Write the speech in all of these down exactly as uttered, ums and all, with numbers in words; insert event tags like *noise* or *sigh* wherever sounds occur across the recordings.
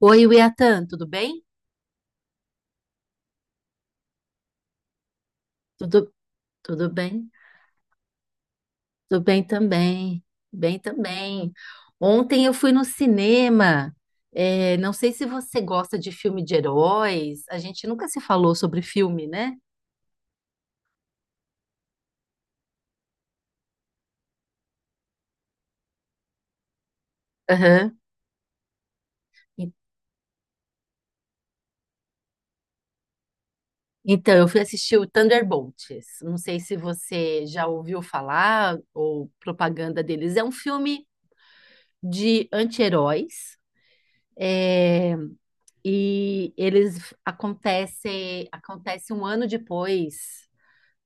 Oi, Wiatan, tudo bem? Tudo, tudo bem? Tudo bem também. Bem também. Ontem eu fui no cinema. É, não sei se você gosta de filme de heróis. A gente nunca se falou sobre filme, né? Aham. E- Então, eu fui assistir o Thunderbolts. Não sei se você já ouviu falar ou propaganda deles. É um filme de anti-heróis. É, e eles acontecem acontece um ano depois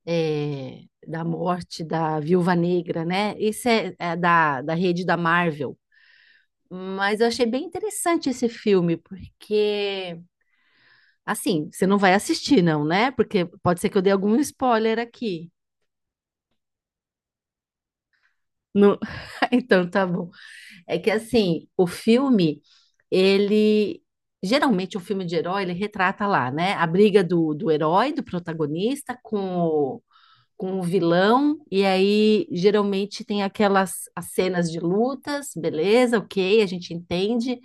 é, da morte da Viúva Negra, né? Esse é, é da, da rede da Marvel. Mas eu achei bem interessante esse filme, porque, assim, você não vai assistir, não, né? Porque pode ser que eu dê algum spoiler aqui. No- *laughs* Então tá bom. É que, assim, o filme, ele. Geralmente, o filme de herói, ele retrata lá, né? A briga do, do herói, do protagonista, com com o vilão, e aí geralmente tem aquelas as cenas de lutas, beleza, ok, a gente entende,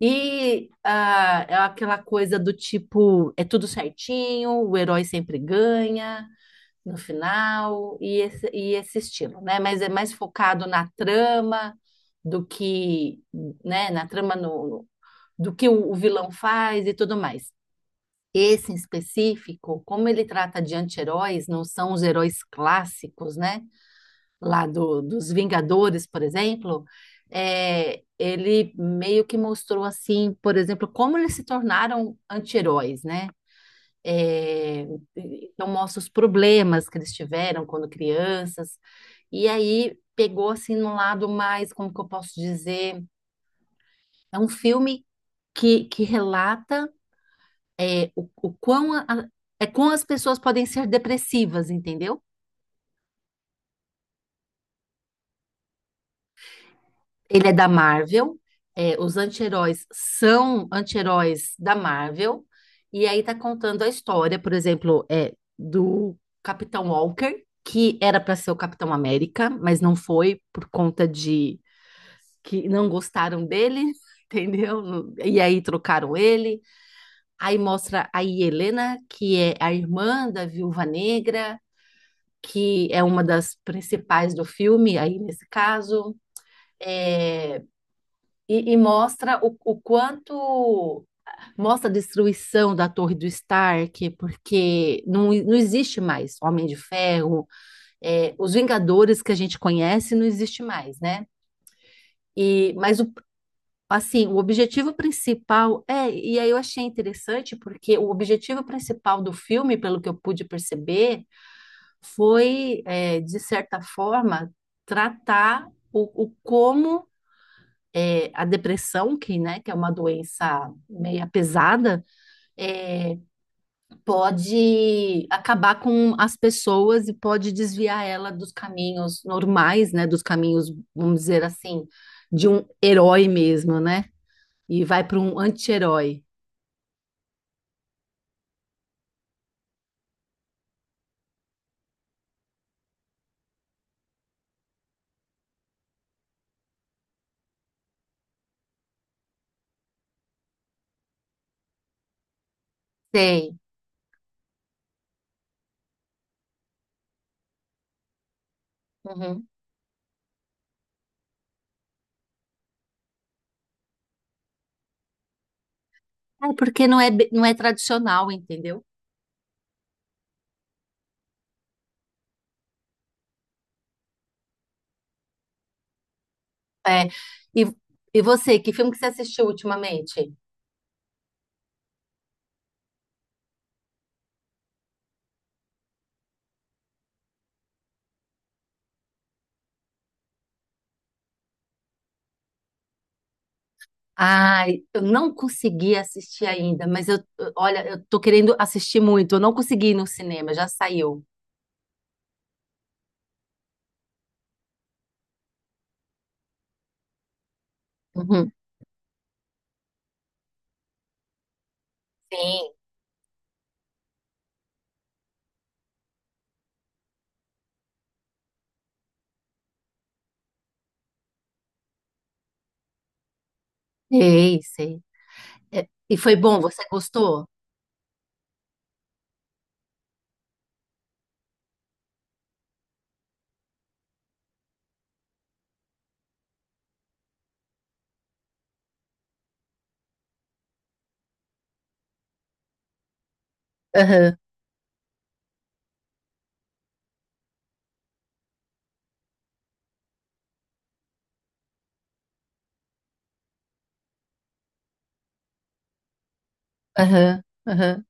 e ah, é aquela coisa do tipo, é tudo certinho, o herói sempre ganha no final, e esse, e esse estilo, né? Mas é mais focado na trama do que, né, na trama no, no- do que o, o vilão faz e tudo mais. Esse em específico, como ele trata de anti-heróis, não são os heróis clássicos, né? Lá do, dos Vingadores, por exemplo, é, ele meio que mostrou assim, por exemplo, como eles se tornaram anti-heróis, né? É, então mostra os problemas que eles tiveram quando crianças, e aí pegou assim no lado mais, como que eu posso dizer, é um filme que, que relata é, o, o quão a- é quão as pessoas podem ser depressivas, entendeu? Ele é da Marvel, é, os anti-heróis são anti-heróis da Marvel, e aí tá contando a história, por exemplo, é, do Capitão Walker, que era para ser o Capitão América, mas não foi por conta de que não gostaram dele, *laughs* entendeu? E aí trocaram ele. Aí mostra a Helena, que é a irmã da Viúva Negra. Que é uma das principais do filme, aí nesse caso, é, e, e mostra o, o quanto mostra a destruição da Torre do Stark, porque não, não existe mais Homem de Ferro, é, os Vingadores que a gente conhece não existe mais, né? E, mas o, assim, o objetivo principal é, e aí eu achei interessante porque o objetivo principal do filme, pelo que eu pude perceber, foi, é, de certa forma, tratar o, o como é, a depressão, que, né, que é uma doença meia pesada, é, pode acabar com as pessoas e pode desviar ela dos caminhos normais, né, dos caminhos, vamos dizer assim, de um herói mesmo, né? E vai para um anti-herói. Sei. Uhum. É porque não é, be- não é tradicional, entendeu? É. E, e você, que filme que você assistiu ultimamente? Ai, eu não consegui assistir ainda, mas eu, eu- olha, eu tô querendo assistir muito. Eu não consegui ir no cinema, já saiu. Uhum. Sim, sei, sei. É, e foi bom, você gostou? Aham, aham, aham.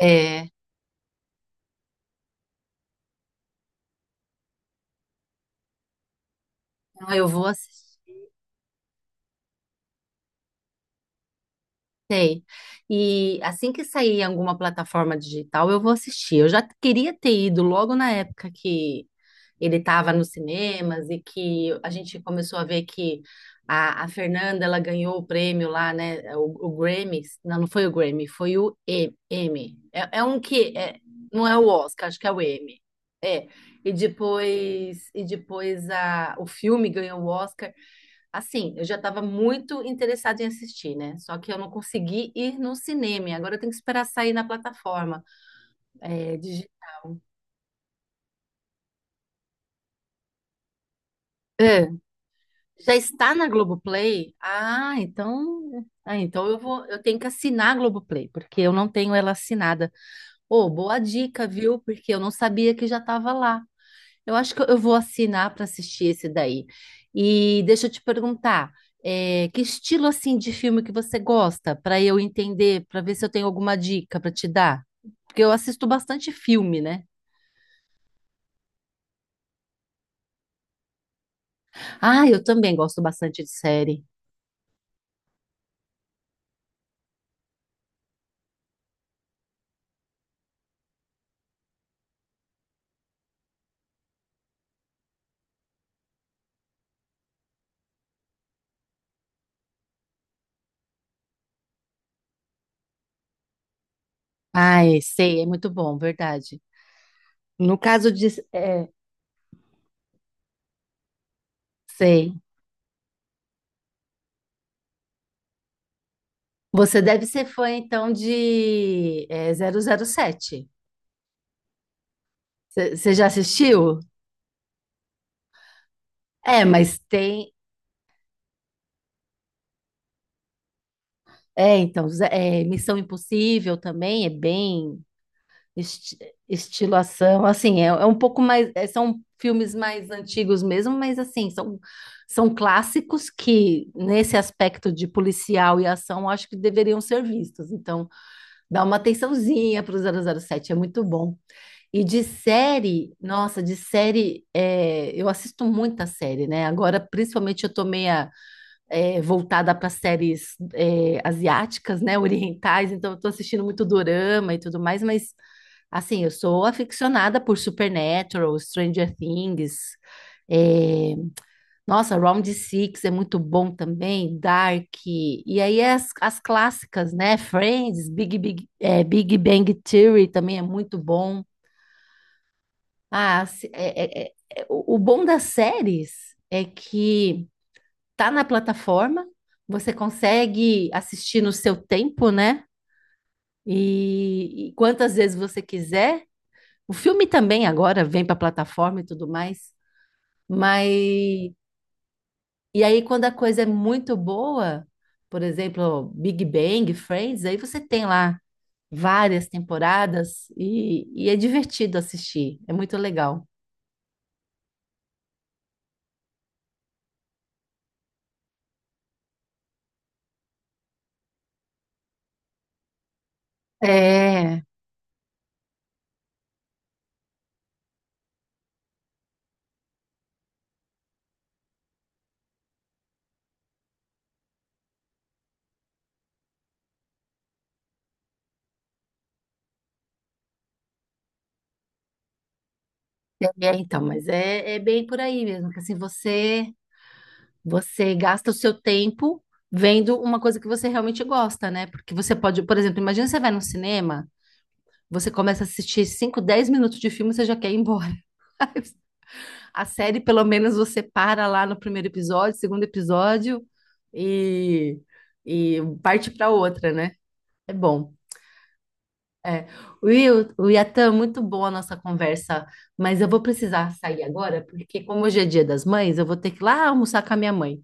É, não, eu vou assistir. Sei. E assim que sair em alguma plataforma digital, eu vou assistir. Eu já queria ter ido logo na época que ele estava nos cinemas e que a gente começou a ver que a, a Fernanda ela ganhou o prêmio lá, né? O, o Grammy. Não, não foi o Grammy, foi o E- M. É, é um que é, não é o Oscar, acho que é o M. É. E depois, e depois a, o filme ganhou o Oscar. Assim, eu já estava muito interessada em assistir, né? Só que eu não consegui ir no cinema. Agora eu tenho que esperar sair na plataforma. É, digi- é, já está na Globoplay? Ah, então, ah, então eu vou, eu tenho que assinar a Globoplay, porque eu não tenho ela assinada. Ô, boa dica, viu? Porque eu não sabia que já estava lá. Eu acho que eu vou assinar para assistir esse daí. E deixa eu te perguntar, é, que estilo assim de filme que você gosta, para eu entender, para ver se eu tenho alguma dica para te dar? Porque eu assisto bastante filme, né? Ah, eu também gosto bastante de série. Ai, sei, é muito bom, verdade. No caso de, é, sei. Você deve ser fã então de é, zero zero sete. Você já assistiu? É, mas tem. É, então, Zé- é, Missão Impossível também é bem esti estilo assim, é, é um pouco mais, é, são filmes mais antigos mesmo, mas assim, são, são clássicos que, nesse aspecto de policial e ação, acho que deveriam ser vistos. Então, dá uma atençãozinha para o zero zero sete é muito bom. E de série, nossa, de série, é, eu assisto muita série, né? Agora, principalmente, eu tô meia é, voltada para séries é, asiáticas, né, *laughs* orientais, então eu tô assistindo muito dorama e tudo mais, mas assim, eu sou aficionada por Supernatural, Stranger Things, é, nossa, Round Six é muito bom também, Dark, e aí é as, as clássicas, né, Friends, Big, Big, é, Big Bang Theory também é muito bom. Ah, se- é- é- é- é- o o bom das séries é que tá na plataforma, você consegue assistir no seu tempo, né? E, e quantas vezes você quiser. O filme também agora vem para a plataforma e tudo mais. Mas e aí quando a coisa é muito boa, por exemplo, Big Bang, Friends, aí você tem lá várias temporadas e, e é divertido assistir. É muito legal. É, é, então, mas é, é bem por aí mesmo, que assim você você gasta o seu tempo vendo uma coisa que você realmente gosta, né? Porque você pode, por exemplo, imagina você vai no cinema, você começa a assistir cinco, dez minutos de filme, você já quer ir embora. *laughs* A série, pelo menos, você para lá no primeiro episódio, segundo episódio e, e parte para outra, né? É bom. É. Will, o Yatan, muito boa a nossa conversa, mas eu vou precisar sair agora, porque como hoje é dia das mães, eu vou ter que ir lá almoçar com a minha mãe.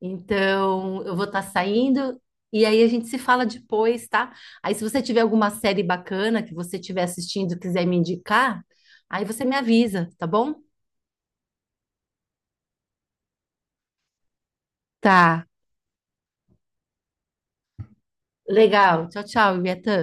Então, eu vou estar saindo e aí a gente se fala depois, tá? Aí, se você tiver alguma série bacana que você estiver assistindo e quiser me indicar, aí você me avisa, tá bom? Tá. Legal. Tchau, tchau, Ibiatã.